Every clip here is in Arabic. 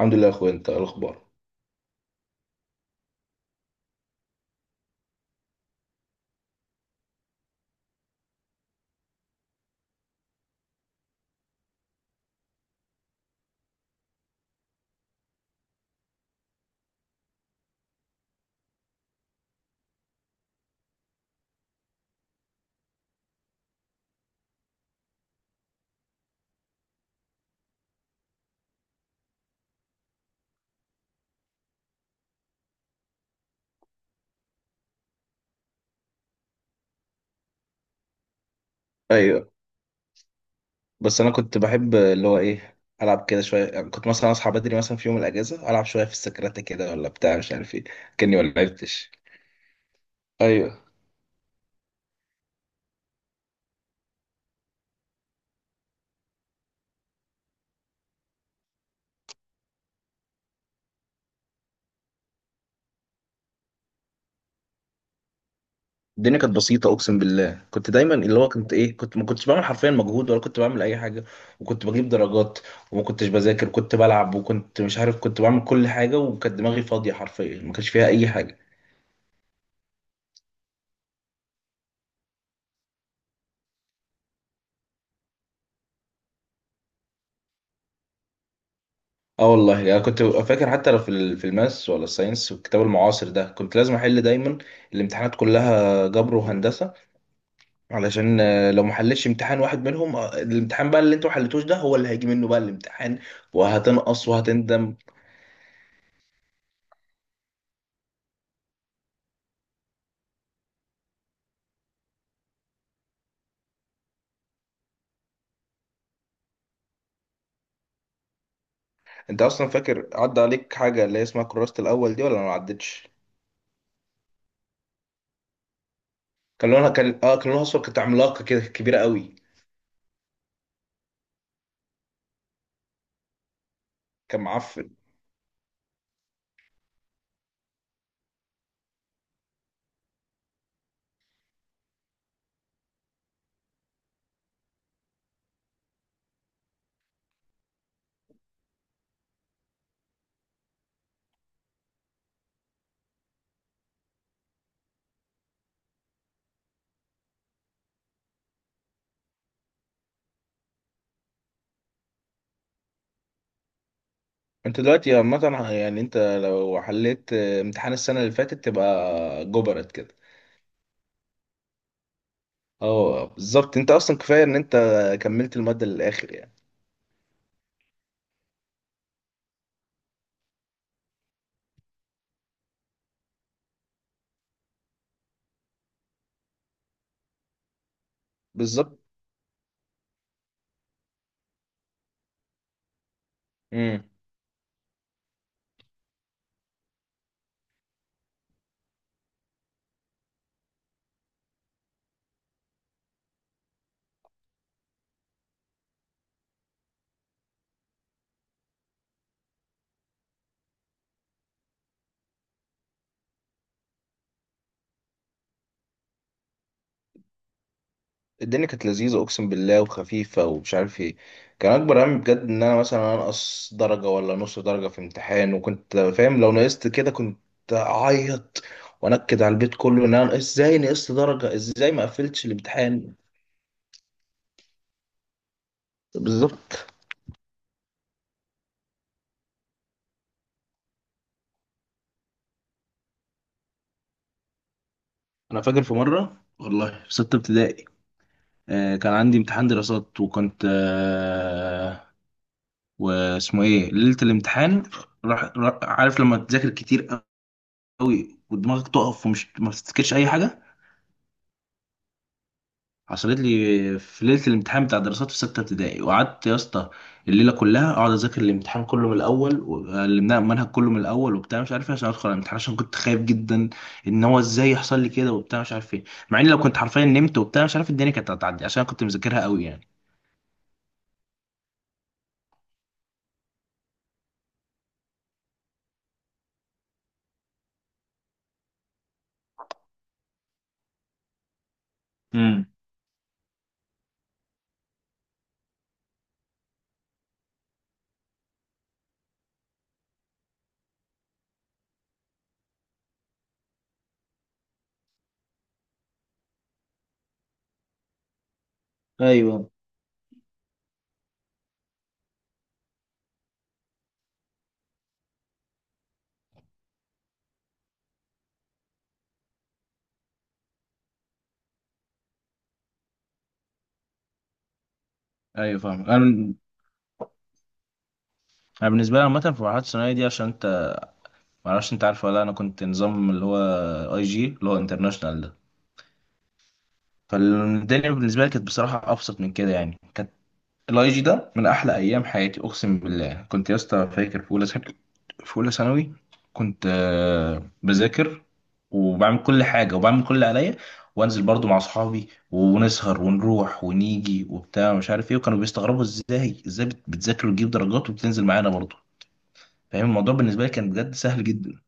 الحمد لله يا اخويا، انت إيه الاخبار؟ ايوه. بس انا كنت بحب اللي هو ايه العب كده شويه، يعني كنت مثلا اصحى بدري مثلا في يوم الاجازه العب شويه في السكرات كده ولا بتاع مش عارف ايه، كاني ما لعبتش. ايوه. الدنيا كانت بسيطه، اقسم بالله. كنت دايما اللي هو كنت ايه كنت ما كنتش بعمل حرفيا مجهود ولا كنت بعمل اي حاجه، وكنت بجيب درجات، وما كنتش بذاكر، كنت بلعب وكنت مش عارف، كنت بعمل كل حاجه، وكانت دماغي فاضيه حرفيا، ما كانش فيها اي حاجه. اه والله انا كنت فاكر حتى لو في في الماس ولا الساينس والكتاب المعاصر ده كنت لازم احل دايما الامتحانات كلها، جبر وهندسه، علشان لو ما حلتش امتحان واحد منهم، الامتحان بقى اللي انتوا ما حلتوش ده هو اللي هيجي منه بقى الامتحان، وهتنقص وهتندم. انت اصلا فاكر عدى عليك حاجه اللي هي اسمها كراسه الاول دي ولا ما عدتش؟ كان لونها اصفر، كانت عملاقه كده، كبيره قوي، كان معفن. انت دلوقتي عامه، يعني انت لو حليت امتحان السنه اللي فاتت تبقى جبرت كده. اه بالظبط، انت اصلا كفايه ان انت كملت الماده للاخر يعني. بالظبط. امم الدنيا كانت لذيذه، اقسم بالله، وخفيفه ومش عارف ايه. كان اكبر همي بجد ان انا مثلا انقص درجه ولا نص درجه في امتحان، وكنت فاهم لو نقصت كده كنت اعيط وانكد على البيت كله ان انا ازاي نقصت درجه، ازاي ما قفلتش الامتحان. بالظبط. انا فاكر في مره والله، في ستة ابتدائي كان عندي امتحان دراسات، وكنت واسمه ايه، ليله الامتحان، عارف لما تذاكر كتير قوي ودماغك تقف ومش ما تفتكرش اي حاجه، حصلت لي في ليله الامتحان بتاع دراسات في سته ابتدائي، وقعدت يا اسطى الليله كلها اقعد اذاكر الامتحان كله من الاول، وعلمناه المنهج كله من الاول وبتاع مش عارف ايه، عشان ادخل على الامتحان، عشان كنت خايف جدا ان هو ازاي يحصل لي كده وبتاع مش عارف ايه، مع اني لو كنت حرفيا نمت وبتاع مش عارف الدنيا كانت هتعدي عشان كنت مذاكرها قوي يعني. امم ايوه ايوه، فاهم انا. أنا بالنسبه لي عامه في مرحله الثانويه دي، عشان انت معرفش انت عارف ولا لأ، انا كنت نظام اللي هو اي جي، اللي هو انترناشونال ده، فالدنيا بالنسبه لي كانت بصراحه ابسط من كده، يعني كانت الاي جي ده من احلى ايام حياتي، اقسم بالله. كنت يا اسطى فاكر في اولى ثانوي كنت بذاكر وبعمل كل حاجه وبعمل كل اللي عليا، وانزل برضو مع اصحابي ونسهر ونروح ونيجي وبتاع مش عارف ايه، وكانوا بيستغربوا ازاي بتذاكر وتجيب درجات وبتنزل معانا برضو. فاهم، الموضوع بالنسبه لي كان بجد سهل جدا.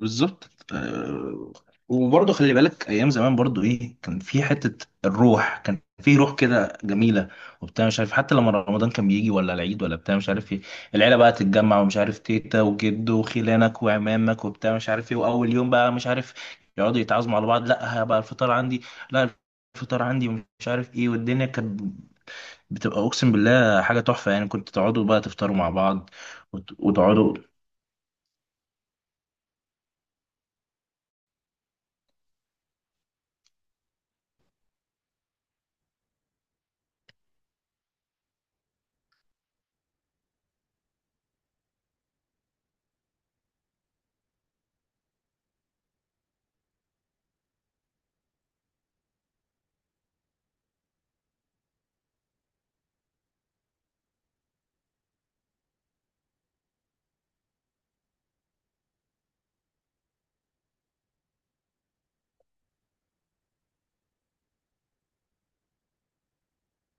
بالظبط. وبرضه خلي بالك ايام زمان برضه، ايه كان في حته الروح كان في روح كده جميله وبتاع مش عارف، حتى لما رمضان كان بيجي ولا العيد ولا بتاع مش عارف ايه، العيله بقى تتجمع ومش عارف، تيتا وجد وخلانك وعمامك وبتاع مش عارف ايه، واول يوم بقى مش عارف يقعدوا يتعازموا على بعض، لا بقى الفطار عندي، لا الفطار عندي ومش عارف ايه. والدنيا كانت بتبقى اقسم بالله حاجه تحفه، يعني كنت تقعدوا بقى تفطروا مع بعض وتقعدوا.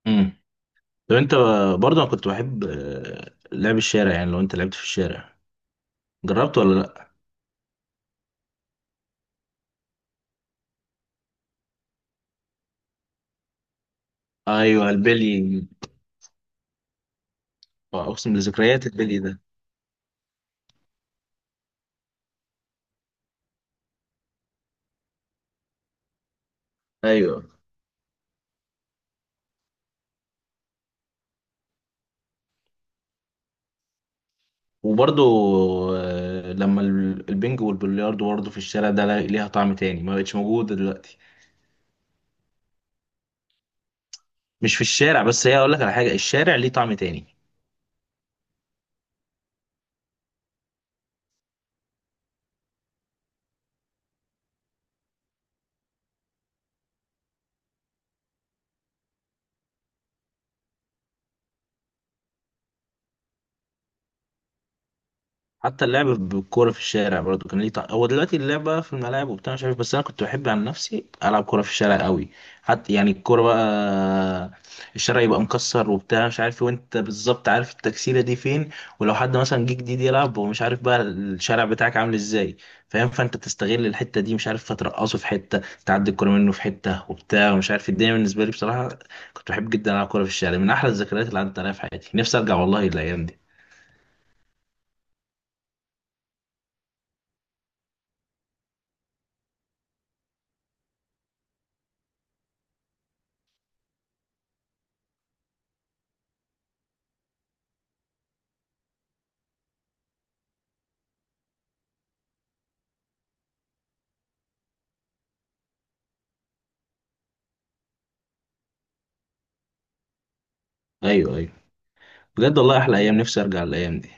إمم. طب انت برضه، انا كنت بحب لعب الشارع، يعني لو انت لعبت في الشارع جربت ولا لا؟ ايوه، البلي. اقسم بذكريات البلي ده. ايوه وبرضه لما البنج والبلياردو برضه في الشارع ده ليها طعم تاني، ما بقتش موجودة دلوقتي. مش في الشارع بس، هي اقول لك على حاجة، الشارع ليه طعم تاني. حتى اللعب بالكورة في الشارع برضو كان ليه طعم، هو دلوقتي اللعبة في الملاعب وبتاع مش عارف، بس أنا كنت بحب عن نفسي ألعب كورة في الشارع قوي، حتى يعني الكورة بقى، الشارع يبقى مكسر وبتاع مش عارف، وأنت بالظبط عارف التكسيرة دي فين، ولو حد مثلا جه جديد يلعب هو مش عارف بقى الشارع بتاعك عامل إزاي، فاهم؟ فأنت تستغل الحتة دي مش عارف، فترقصه في حتة، تعدي الكورة منه في حتة وبتاع ومش عارف. الدنيا بالنسبة لي بصراحة، كنت بحب جدا ألعب كورة في الشارع، من أحلى الذكريات اللي عدت عليها في حياتي. نفسي أرجع والله للأيام دي. أيوه أيوه. بجد والله احلى ايام، نفسي ارجع الايام دي.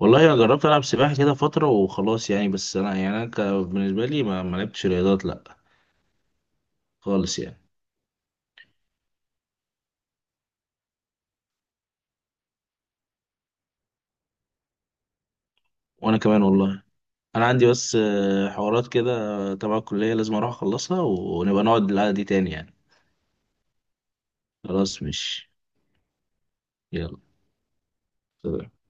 والله انا جربت العب سباحه كده فتره وخلاص يعني، بس انا بالنسبه لي ما لعبتش رياضات، لا، خالص يعني. وانا كمان والله. انا عندي بس حوارات كده تبع الكليه، لازم اروح اخلصها، ونبقى نقعد القعده دي تاني يعني. خلاص، مش. يلا. سلام.